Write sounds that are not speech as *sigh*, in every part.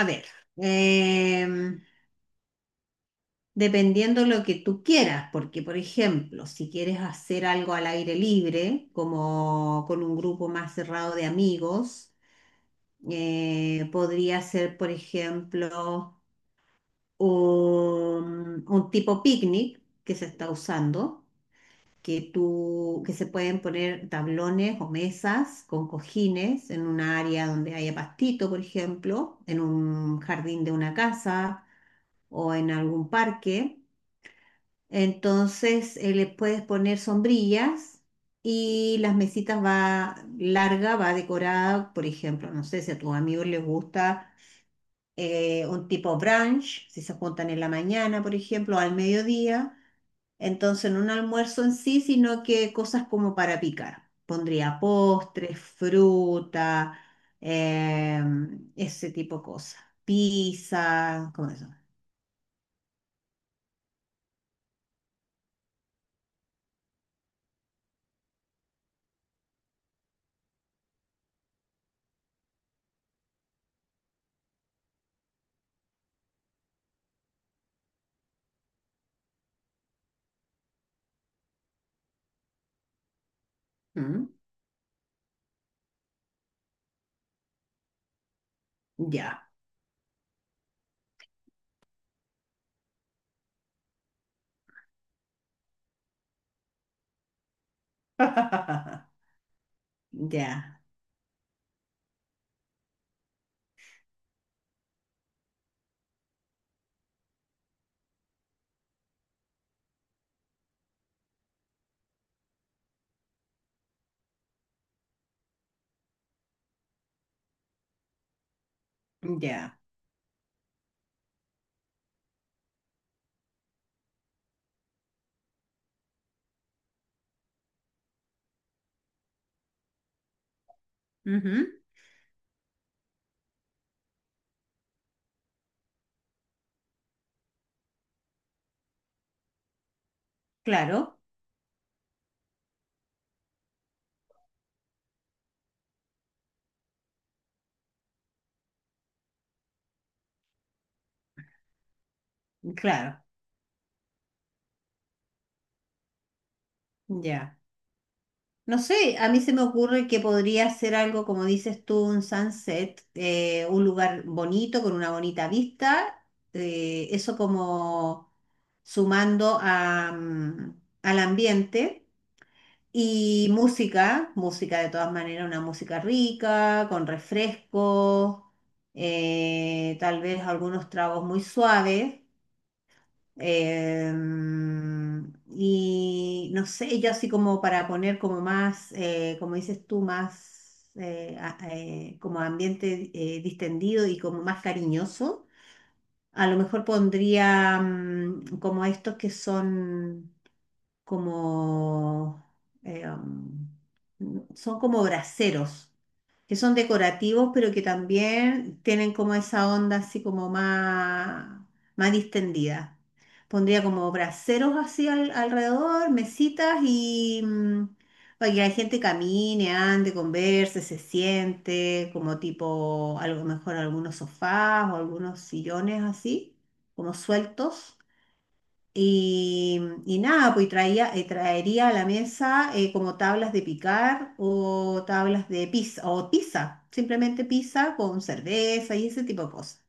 A ver, em, dependiendo lo que tú quieras. Porque por ejemplo, si quieres hacer algo al aire libre, como con un grupo más cerrado de amigos, podría ser, por ejemplo, un tipo picnic que se está usando, que se pueden poner tablones o mesas con cojines en un área donde haya pastito, por ejemplo, en un jardín de una casa o en algún parque. Entonces, le puedes poner sombrillas y las mesitas va larga, va decorada. Por ejemplo, no sé si a tus amigos les gusta un tipo brunch, si se juntan en la mañana, por ejemplo, o al mediodía. Entonces, no un almuerzo en sí, sino que cosas como para picar. Pondría postres, fruta, eh, ese tipo de cosas. Pizza, como eso. Mm. Ya. *laughs* Ya, ya. Ujú. Claro, claro. Ya. No sé, a mí se me ocurre que podría ser algo, como dices tú, un sunset, un lugar bonito, con una bonita vista, eso como sumando al ambiente y música, música de todas maneras, una música rica, con refrescos, tal vez algunos tragos muy suaves. Y no sé, yo así como para poner como más, como dices tú, más como ambiente distendido y como más cariñoso. A lo mejor pondría como estos que son como, eh, son como braseros que son decorativos, pero que también tienen como esa onda así como más, distendida. Pondría como braseros así alrededor, mesitas y para que la gente camine, ande, converse, se siente, como tipo, a lo mejor algunos sofás o algunos sillones así, como sueltos. Y, y nada, pues y traería a la mesa, como tablas de picar o tablas de pizza, o pizza, simplemente pizza con cerveza y ese tipo de cosas,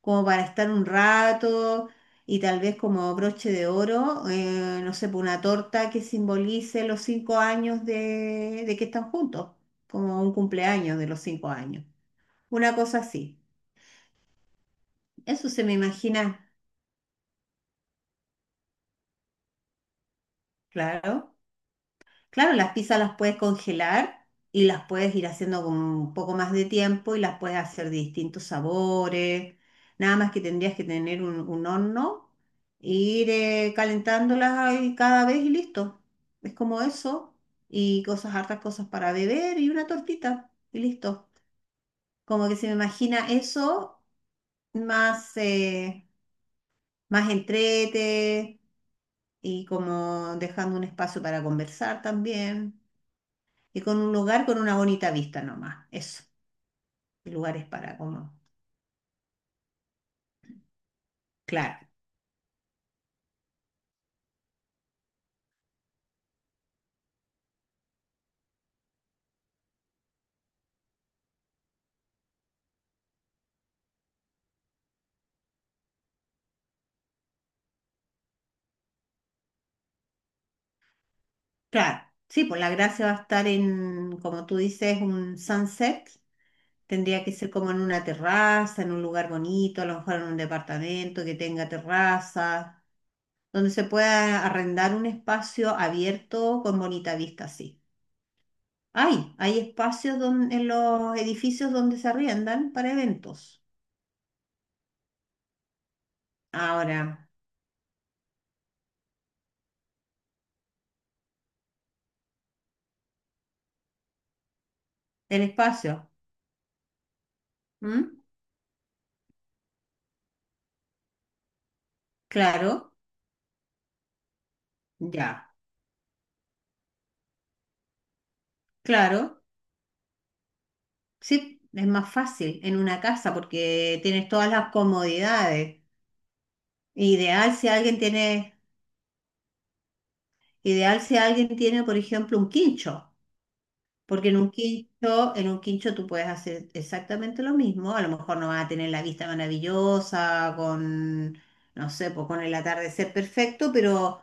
como para estar un rato. Y tal vez como broche de oro, no sé, pues una torta que simbolice los 5 años de que están juntos, como un cumpleaños de los 5 años, una cosa así. Eso se me imagina. Claro. Claro, las pizzas las puedes congelar y las puedes ir haciendo con un poco más de tiempo y las puedes hacer de distintos sabores. Nada más que tendrías que tener un horno e ir, calentándolas ahí cada vez y listo. Es como eso. Y cosas, hartas cosas para beber y una tortita y listo. Como que se me imagina eso más, más entrete y como dejando un espacio para conversar también. Y con un lugar con una bonita vista nomás. Eso, lugares para como, claro, claro. Sí, pues la gracia va a estar en, como tú dices, un sunset. Tendría que ser como en una terraza, en un lugar bonito, a lo mejor en un departamento que tenga terraza, donde se pueda arrendar un espacio abierto con bonita vista, sí. Hay espacios en los edificios donde se arriendan para eventos. Ahora, el espacio. ¿M? Claro, ya, claro. Sí, es más fácil en una casa porque tienes todas las comodidades. Ideal si alguien tiene, ideal si alguien tiene, por ejemplo, un quincho. Porque en un quincho tú puedes hacer exactamente lo mismo. A lo mejor no vas a tener la vista maravillosa con, no sé, pues con el atardecer perfecto, pero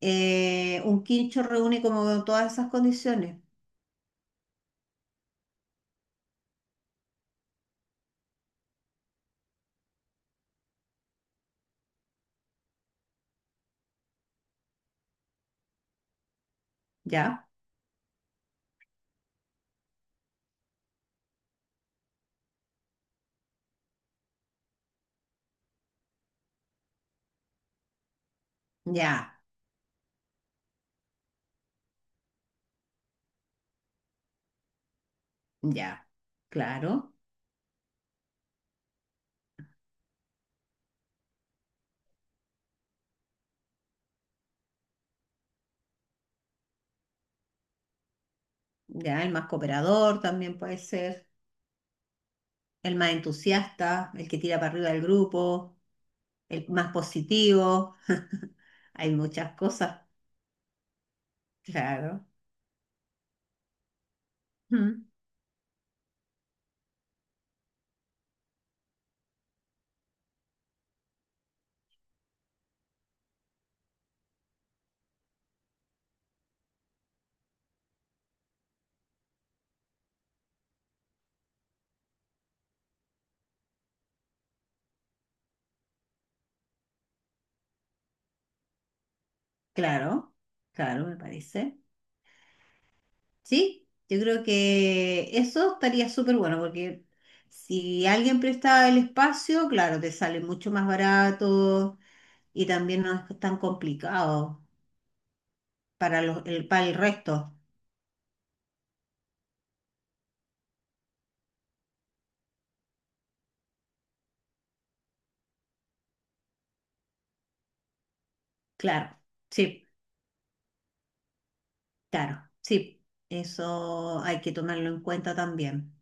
un quincho reúne como todas esas condiciones. Ya, ya, ya, claro. Ya, el más cooperador también puede ser, el más entusiasta, el que tira para arriba del grupo, el más positivo. *laughs* Hay muchas cosas, claro. Mm. Claro, claro, me parece. Sí, yo creo que eso estaría súper bueno porque si alguien presta el espacio, claro, te sale mucho más barato y también no es tan complicado para para el resto. Claro, sí, claro, sí. Eso hay que tomarlo en cuenta también.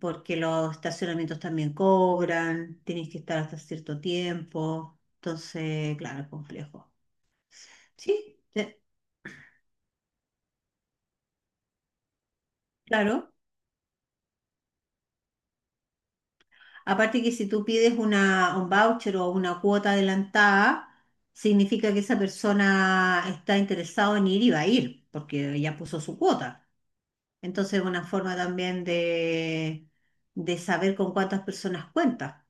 Porque los estacionamientos también cobran, tienes que estar hasta cierto tiempo, entonces, claro, es complejo. Sí, claro. Aparte que si tú pides una, un voucher o una cuota adelantada, significa que esa persona está interesado en ir y va a ir, porque ya puso su cuota. Entonces es una forma también de saber con cuántas personas cuenta.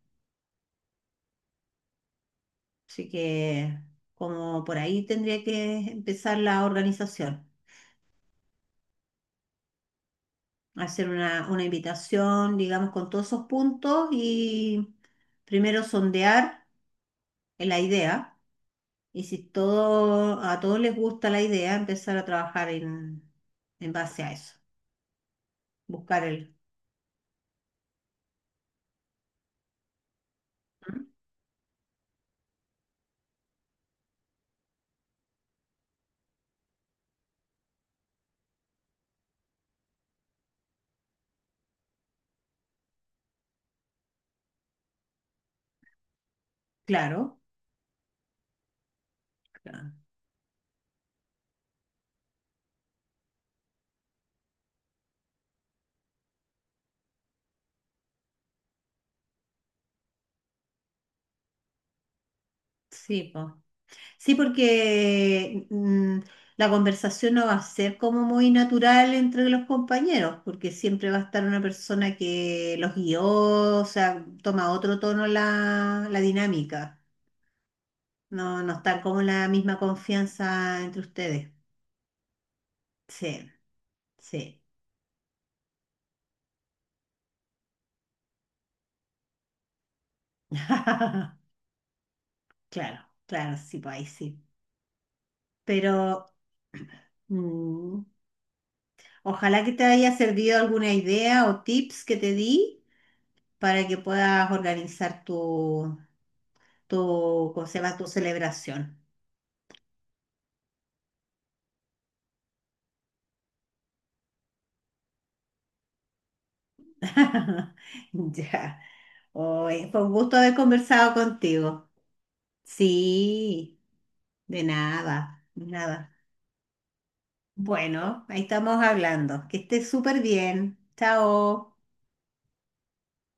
Así que como por ahí tendría que empezar la organización. Hacer una invitación, digamos, con todos esos puntos, y primero sondear la idea. Y si todo, a todos les gusta la idea, empezar a trabajar en, base a eso. Buscar el... ¿Mm? Claro, claro. Sí, po. Sí, porque la conversación no va a ser como muy natural entre los compañeros, porque siempre va a estar una persona que los guió, o sea, toma otro tono la dinámica. No, no está como la misma confianza entre ustedes. Sí, sí. *laughs* Claro, claro, sí, pues ahí sí. Pero mm, ojalá que te haya servido alguna idea o tips que te di para que puedas organizar tu, ¿cómo se llama? Tu celebración. *laughs* Ya. Oye, fue un gusto haber conversado contigo. Sí, de nada, de nada. Bueno, ahí estamos hablando. Que estés súper bien. Chao.